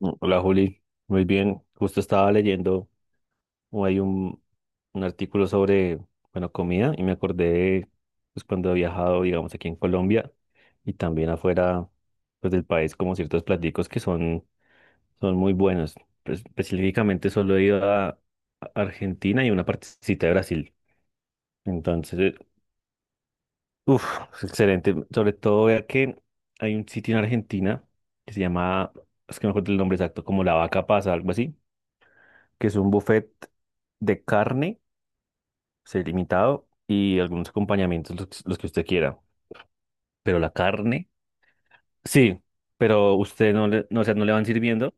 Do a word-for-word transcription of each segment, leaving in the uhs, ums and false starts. Mm, Hola Juli, muy bien. Justo estaba leyendo, o hay un, un artículo sobre, bueno, comida y me acordé, pues cuando he viajado, digamos, aquí en Colombia y también afuera, pues del país, como ciertos platicos que son, son muy buenos. Pues, específicamente solo he ido a a Argentina y una partecita de Brasil. Entonces, uff, excelente. Sobre todo, vea que hay un sitio en Argentina que se llama, es que no me acuerdo el nombre exacto, como La Vaca Pasa, algo así que es un buffet de carne, sí, limitado, y algunos acompañamientos, los, los que usted quiera. Pero la carne, sí, pero usted no le, no, o sea, no le van sirviendo,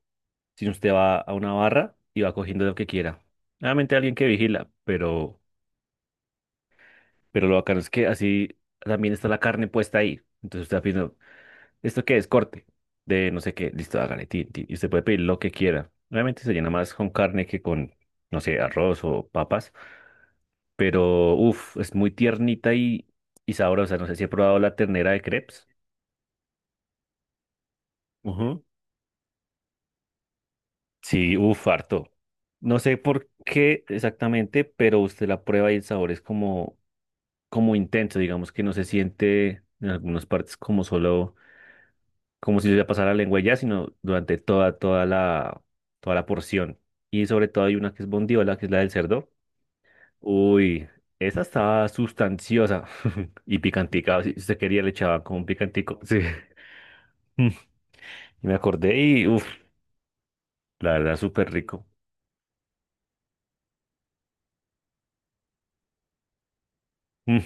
sino usted va a una barra y va cogiendo lo que quiera. Obviamente alguien que vigila, pero, pero lo bacano es que así también está la carne puesta ahí. Entonces usted va pidiendo, ¿esto qué es? Corte de no sé qué, listo, hágale, tin, tin", y usted puede pedir lo que quiera. Obviamente se llena más con carne que con, no sé, arroz o papas, pero uff, es muy tiernita y, y sabrosa. No sé si he probado la ternera de crepes. Ujú. Sí, uff, harto. No sé por qué exactamente, pero usted la prueba y el sabor es como, como intenso, digamos que no se siente en algunas partes como solo, como si le pasara la lengua y ya, sino durante toda, toda la, toda la porción. Y sobre todo hay una que es bondiola, que es la del cerdo. Uy, esa estaba sustanciosa y picantica. Si usted quería, le echaba como un picantico. Sí. Y me acordé y, uff, la verdad, súper rico. Mm,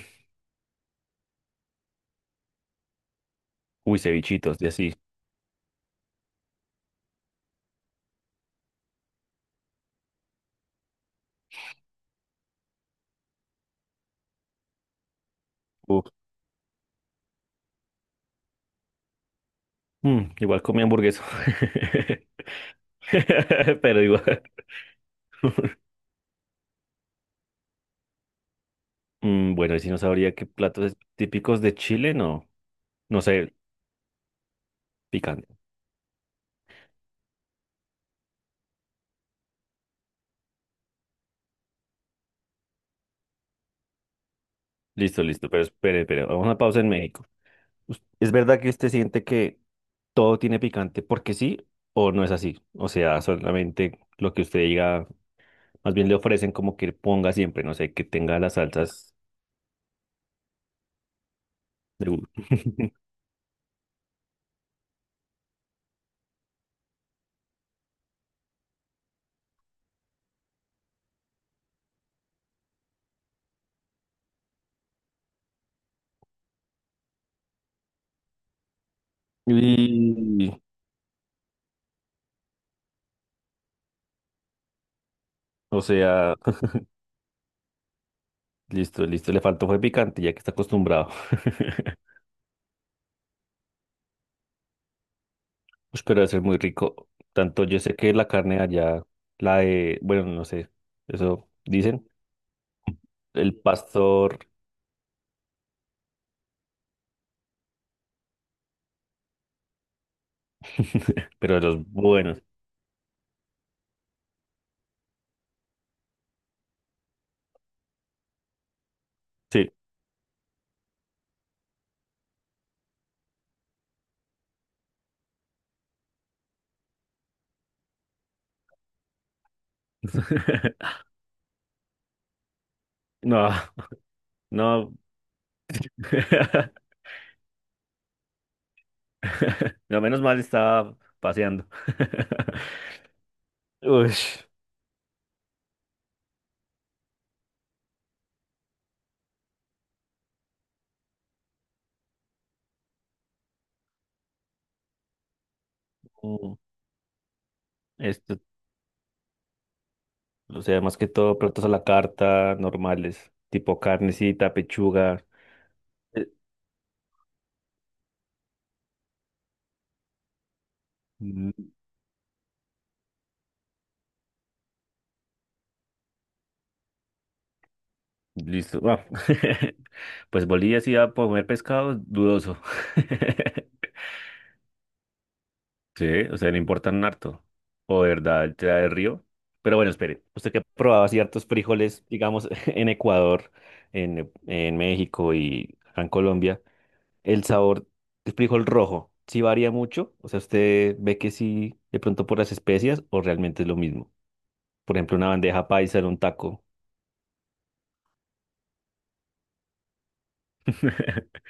Uy, cevichitos, de así. Uf. Mm, igual comí hamburguesa. Pero igual. Mm, bueno, y si no sabría qué platos típicos de Chile, no. No sé, picante. Listo, listo, pero espere, espere. Vamos a una pausa en México. Us- ¿Es verdad que usted siente que todo tiene picante porque sí o no es así? O sea, solamente lo que usted diga, más bien le ofrecen como que ponga siempre, no sé, que tenga las salsas de... Y... O sea, listo, listo. Le faltó fue picante, ya que está acostumbrado. Ush, pero debe ser muy rico. Tanto yo sé que la carne de allá, la de, bueno, no sé, eso dicen, el pastor, pero de los buenos. Sí. No, no. No, menos mal estaba paseando. Uy, no, esto, o sea, más que todo, platos a la carta, normales, tipo carnecita, pechuga. eh, mm, Listo. ah. Pues Bolivia sí va a comer pescado, dudoso. Sí, o sea, le importan harto. O de verdad, el trae del río. Pero bueno, espere, usted que probaba ciertos frijoles, digamos, en Ecuador, en, en México y acá en Colombia, el sabor del frijol rojo, ¿sí varía mucho? O sea, ¿usted ve que sí, de pronto por las especias, o realmente es lo mismo? Por ejemplo, una bandeja paisa en un taco.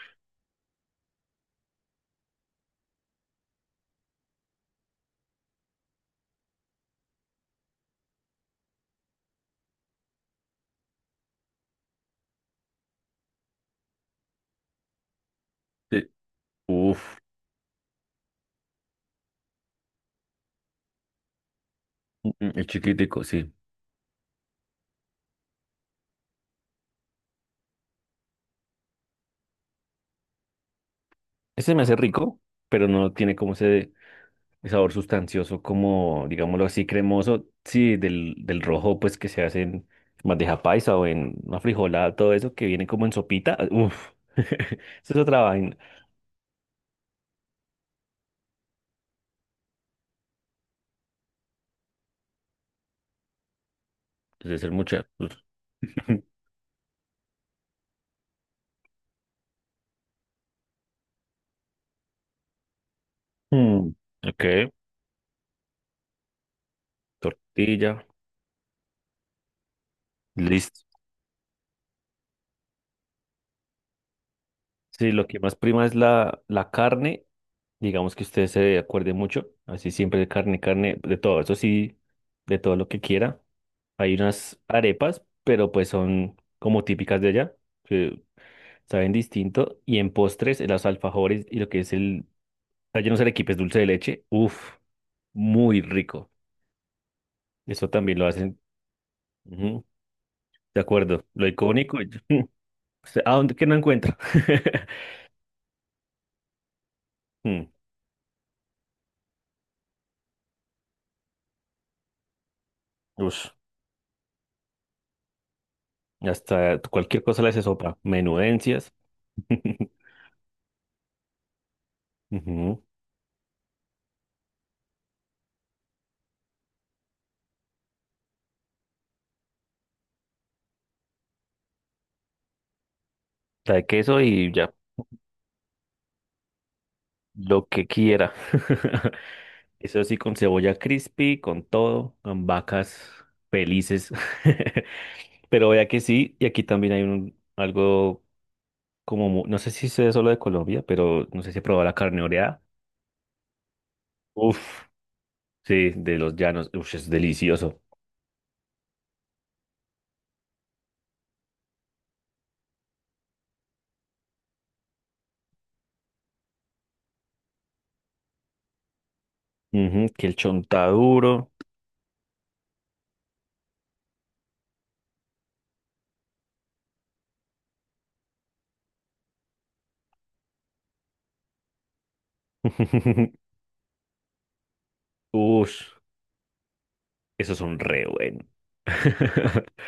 Sí. Uf, el chiquitico, sí. Ese me hace rico, pero no tiene como ese el sabor sustancioso, como, digámoslo así, cremoso, sí, del, del rojo, pues que se hace en bandeja paisa o en una frijolada, todo eso que viene como en sopita, ah, uf, eso es otra vaina. Entonces, es mucha. Mm, Ok, tortilla, listo. Sí, lo que más prima es la, la carne, digamos que usted se acuerde mucho, así siempre de carne, carne, de todo, eso sí, de todo lo que quiera. Hay unas arepas, pero pues son como típicas de allá. Saben distinto. Y en postres, los alfajores y lo que es el relleno de arequipe es dulce de leche. Uf, muy rico. Eso también lo hacen. Ujú, de acuerdo, lo icónico. y- O sea, ¿a dónde que no encuentro? Mm, ush, hasta cualquier cosa le hace sopa. Menudencias. Ujú, la de queso y ya, lo que quiera. Eso sí, con cebolla crispy, con todo, con vacas felices. Pero vea que sí, y aquí también hay un algo como, mu- no sé si sea solo de Colombia, pero no sé si he probado la carne oreada. Uf, sí, de los llanos. Uf, es delicioso. Ujú, que el chontaduro. Uf, esos son re buenos.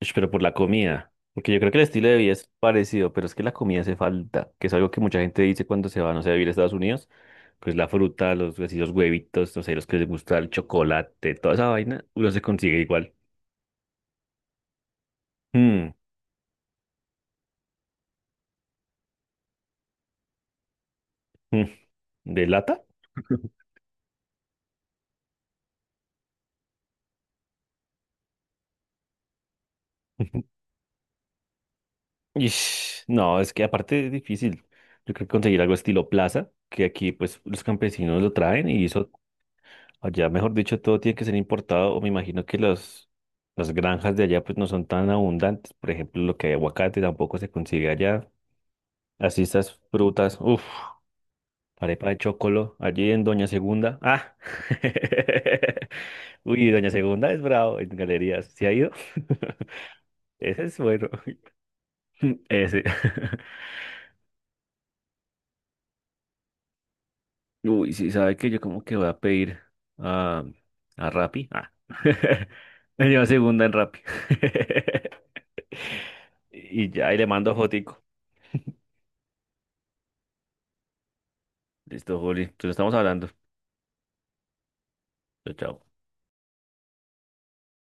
Ush, pero por la comida. Porque yo creo que el estilo de vida es parecido, pero es que la comida hace falta, que es algo que mucha gente dice cuando se va, no sé, a vivir a Estados Unidos. Pues la fruta, los, así, los huevitos, no sé, los que les gusta el chocolate, toda esa vaina, uno se consigue igual. Mm, mm, ¿De lata? Ish, no, es que aparte es difícil. Yo creo que conseguir algo estilo plaza, que aquí pues los campesinos lo traen y eso allá, mejor dicho, todo tiene que ser importado o me imagino que los, las granjas de allá pues no son tan abundantes. Por ejemplo, lo que hay aguacate tampoco se consigue allá. Así estas frutas, uff, arepa de chocolo, allí en Doña Segunda. Ah, uy, Doña Segunda es bravo en galerías. ¿Se ha ido? Ese es bueno. Ese. Uy, sí, sabe que yo como que voy a pedir a, a Rappi. Ah. Me lleva segunda en Rappi. Y ya, y le mando fotico. Listo, Juli. Entonces estamos hablando. Chao, chao.